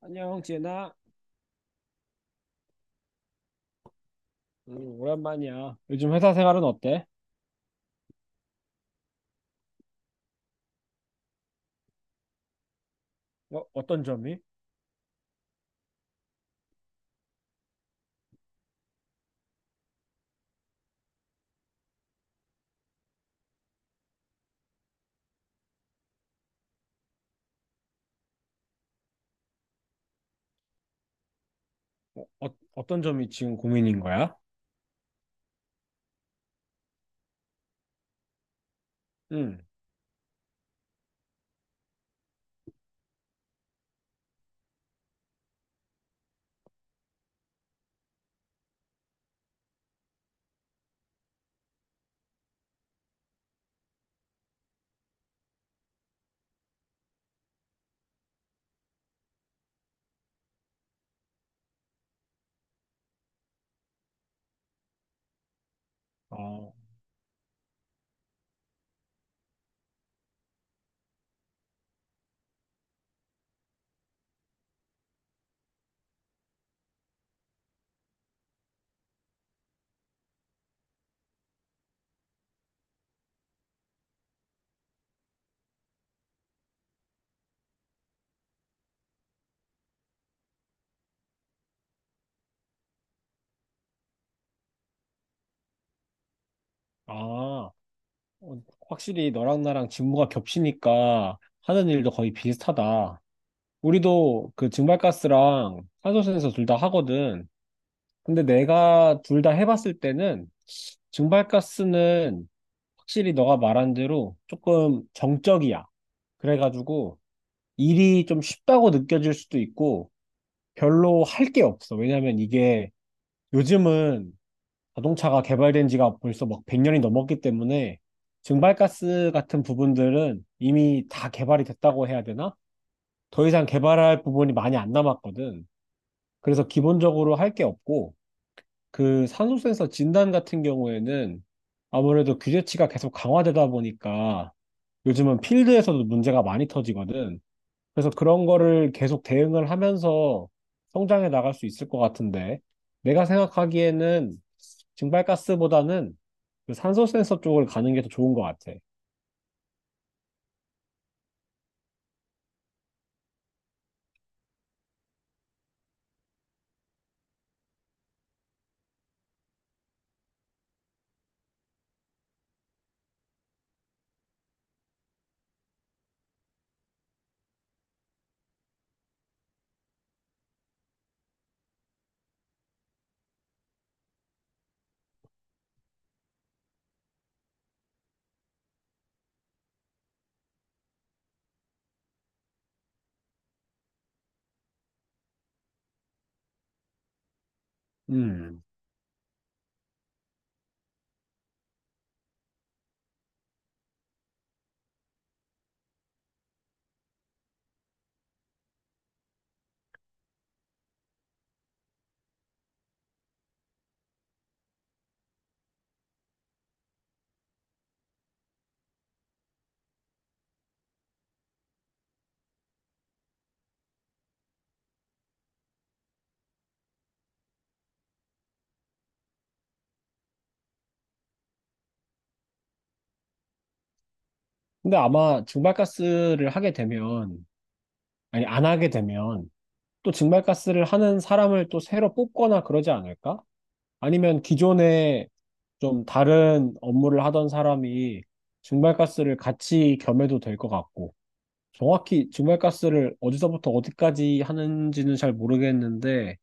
안녕, 지은아. 오랜만이야. 요즘 회사 생활은 어때? 어떤 점이? 어, 떤 점이 지금 고민인 거야? 응. 어, 아, 확실히 너랑 나랑 직무가 겹치니까 하는 일도 거의 비슷하다. 우리도 그 증발가스랑 탄소센서 둘 다 하거든. 근데 내가 둘 다 해봤을 때는 증발가스는 확실히 너가 말한 대로 조금 정적이야. 그래가지고 일이 좀 쉽다고 느껴질 수도 있고 별로 할 게 없어. 왜냐면 이게 요즘은 자동차가 개발된 지가 벌써 막 100년이 넘었기 때문에 증발가스 같은 부분들은 이미 다 개발이 됐다고 해야 되나? 더 이상 개발할 부분이 많이 안 남았거든. 그래서 기본적으로 할 게 없고 그 산소 센서 진단 같은 경우에는 아무래도 규제치가 계속 강화되다 보니까 요즘은 필드에서도 문제가 많이 터지거든. 그래서 그런 거를 계속 대응을 하면서 성장해 나갈 수 있을 것 같은데, 내가 생각하기에는 증발가스보다는 그 산소 센서 쪽을 가는 게 더 좋은 것 같아. 음. 근데 아마 증발가스를 하게 되면, 아니, 안 하게 되면, 또 증발가스를 하는 사람을 또 새로 뽑거나 그러지 않을까? 아니면 기존에 좀 다른 업무를 하던 사람이 증발가스를 같이 겸해도 될 것 같고, 정확히 증발가스를 어디서부터 어디까지 하는지는 잘 모르겠는데,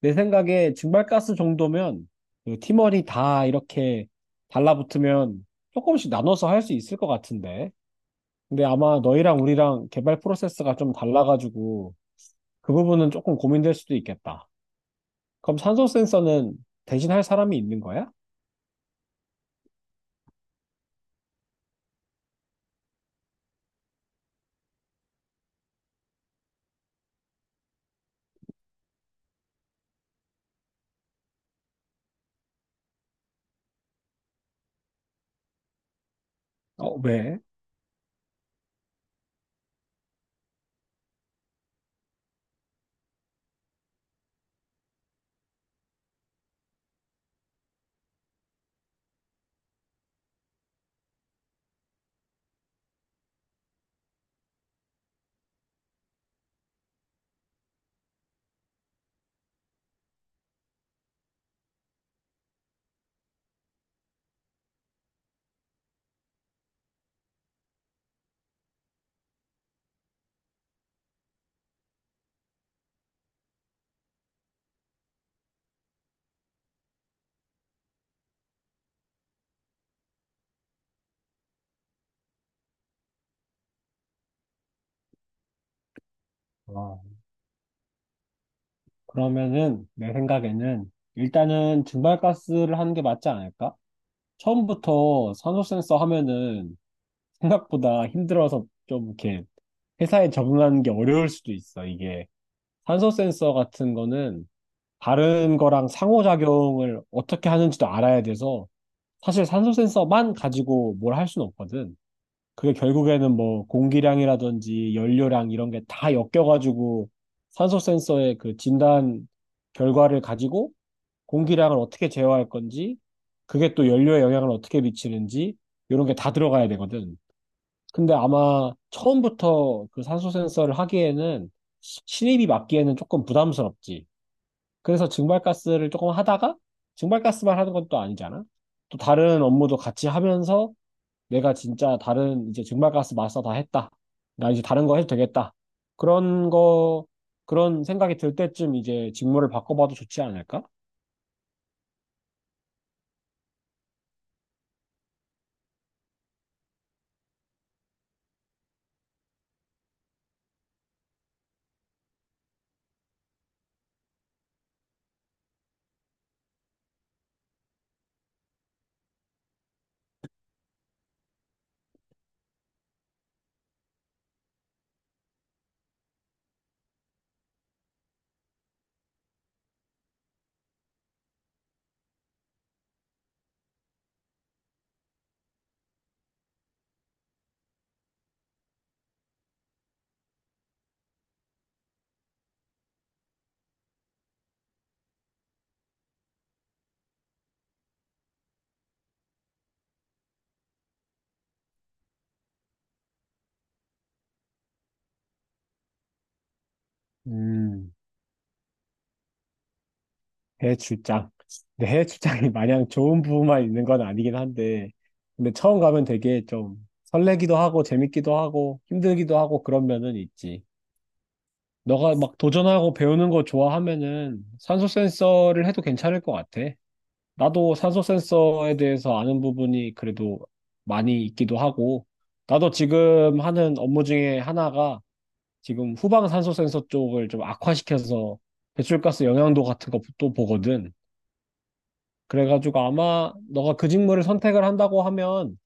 내 생각에 증발가스 정도면 그 팀원이 다 이렇게 달라붙으면 조금씩 나눠서 할 수 있을 것 같은데. 근데 아마 너희랑 우리랑 개발 프로세스가 좀 달라가지고 그 부분은 조금 고민될 수도 있겠다. 그럼 산소 센서는 대신 할 사람이 있는 거야? 어, 왜? 어, 그러면은 내 생각에는 일단은 증발가스를 하는 게 맞지 않을까? 처음부터 산소 센서 하면은 생각보다 힘들어서 좀 이렇게 회사에 적응하는 게 어려울 수도 있어. 이게 산소 센서 같은 거는 다른 거랑 상호작용을 어떻게 하는지도 알아야 돼서 사실 산소 센서만 가지고 뭘 할 수는 없거든. 그게 결국에는 뭐 공기량이라든지 연료량 이런 게 다 엮여가지고 산소 센서의 그 진단 결과를 가지고 공기량을 어떻게 제어할 건지, 그게 또 연료에 영향을 어떻게 미치는지, 이런 게 다 들어가야 되거든. 근데 아마 처음부터 그 산소 센서를 하기에는 신입이 맡기에는 조금 부담스럽지. 그래서 증발가스를 조금 하다가 증발가스만 하는 건 또 아니잖아. 또 다른 업무도 같이 하면서 내가 진짜 다른 이제 증발가스 마스터 다 했다. 나 이제 다른 거 해도 되겠다. 그런 거, 그런 생각이 들 때쯤 이제 직무를 바꿔봐도 좋지 않을까? 음. 해외 출장. 근데 해외 출장이 마냥 좋은 부분만 있는 건 아니긴 한데, 근데 처음 가면 되게 좀 설레기도 하고, 재밌기도 하고, 힘들기도 하고, 그런 면은 있지. 너가 막 도전하고 배우는 거 좋아하면은 산소 센서를 해도 괜찮을 것 같아. 나도 산소 센서에 대해서 아는 부분이 그래도 많이 있기도 하고, 나도 지금 하는 업무 중에 하나가 지금 후방 산소 센서 쪽을 좀 악화시켜서 배출가스 영향도 같은 것도 보거든. 그래가지고 아마 너가 그 직무를 선택을 한다고 하면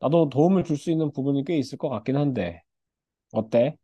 나도 도움을 줄 수 있는 부분이 꽤 있을 것 같긴 한데 어때?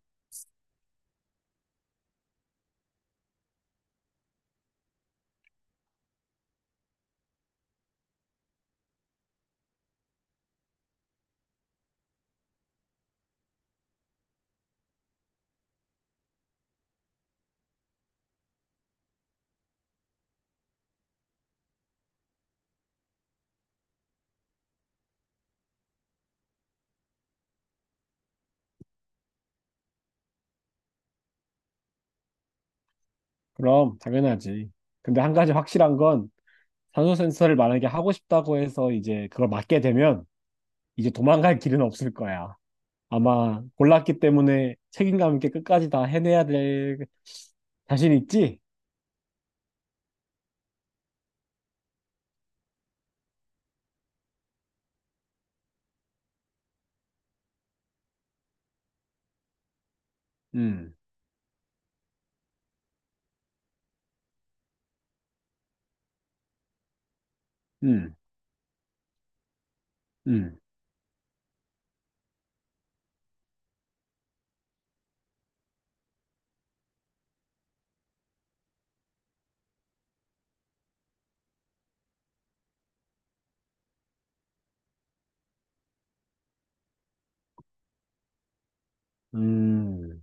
그럼 당연하지. 근데 한 가지 확실한 건 산소 센서를 만약에 하고 싶다고 해서 이제 그걸 맡게 되면 이제 도망갈 길은 없을 거야. 아마 골랐기 때문에 책임감 있게 끝까지 다 해내야 될 자신 있지? 음, 음, 음, 음,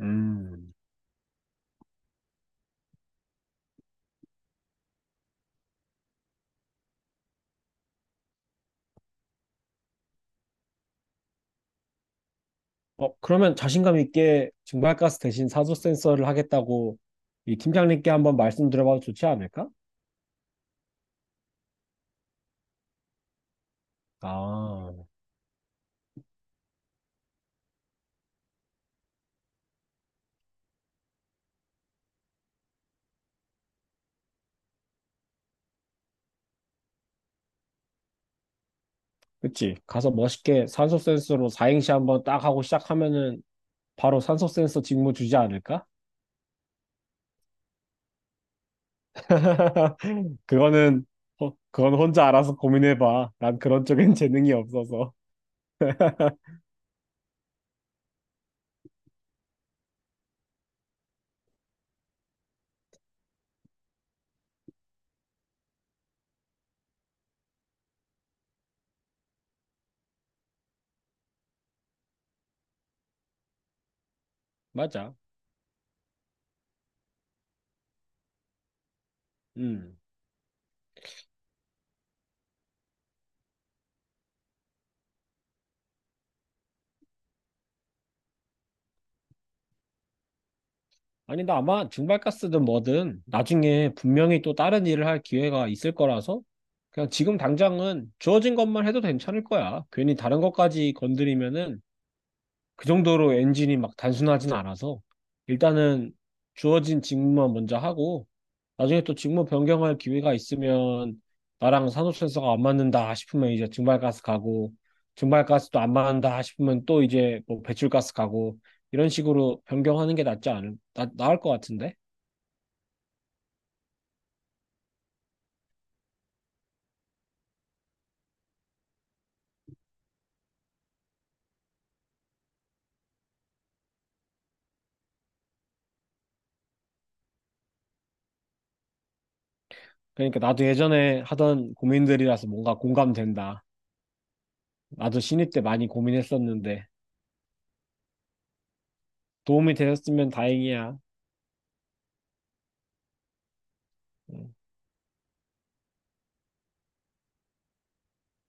음. 어, 그러면 자신감 있게 증발가스 대신 사조 센서를 하겠다고 이 팀장님께 한번 말씀드려봐도 좋지 않을까? 아, 그치. 가서 멋있게 산소 센서로 4행시 한번 딱 하고 시작하면은 바로 산소 센서 직무 주지 않을까? 그거는, 그건 혼자 알아서 고민해봐. 난 그런 쪽엔 재능이 없어서. 맞아. 음. 아니, 나 아마 증발가스든 뭐든 나중에 분명히 또 다른 일을 할 기회가 있을 거라서 그냥 지금 당장은 주어진 것만 해도 괜찮을 거야. 괜히 다른 것까지 건드리면은 그 정도로 엔진이 막 단순하진 않아서 일단은 주어진 직무만 먼저 하고 나중에 또 직무 변경할 기회가 있으면 나랑 산호센서가 안 맞는다 싶으면 이제 증발가스 가고 증발가스도 안 맞는다 싶으면 또 이제 뭐 배출가스 가고 이런 식으로 변경하는 게 낫지 나을 것 같은데 그러니까 나도 예전에 하던 고민들이라서 뭔가 공감된다 나도 신입 때 많이 고민했었는데 도움이 되었으면 다행이야. 응.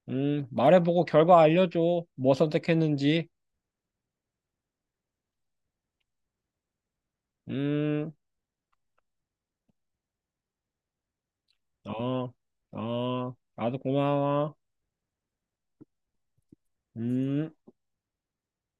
말해보고 결과 알려줘. 뭐 선택했는지. 음, 어, 나도 고마워. 음.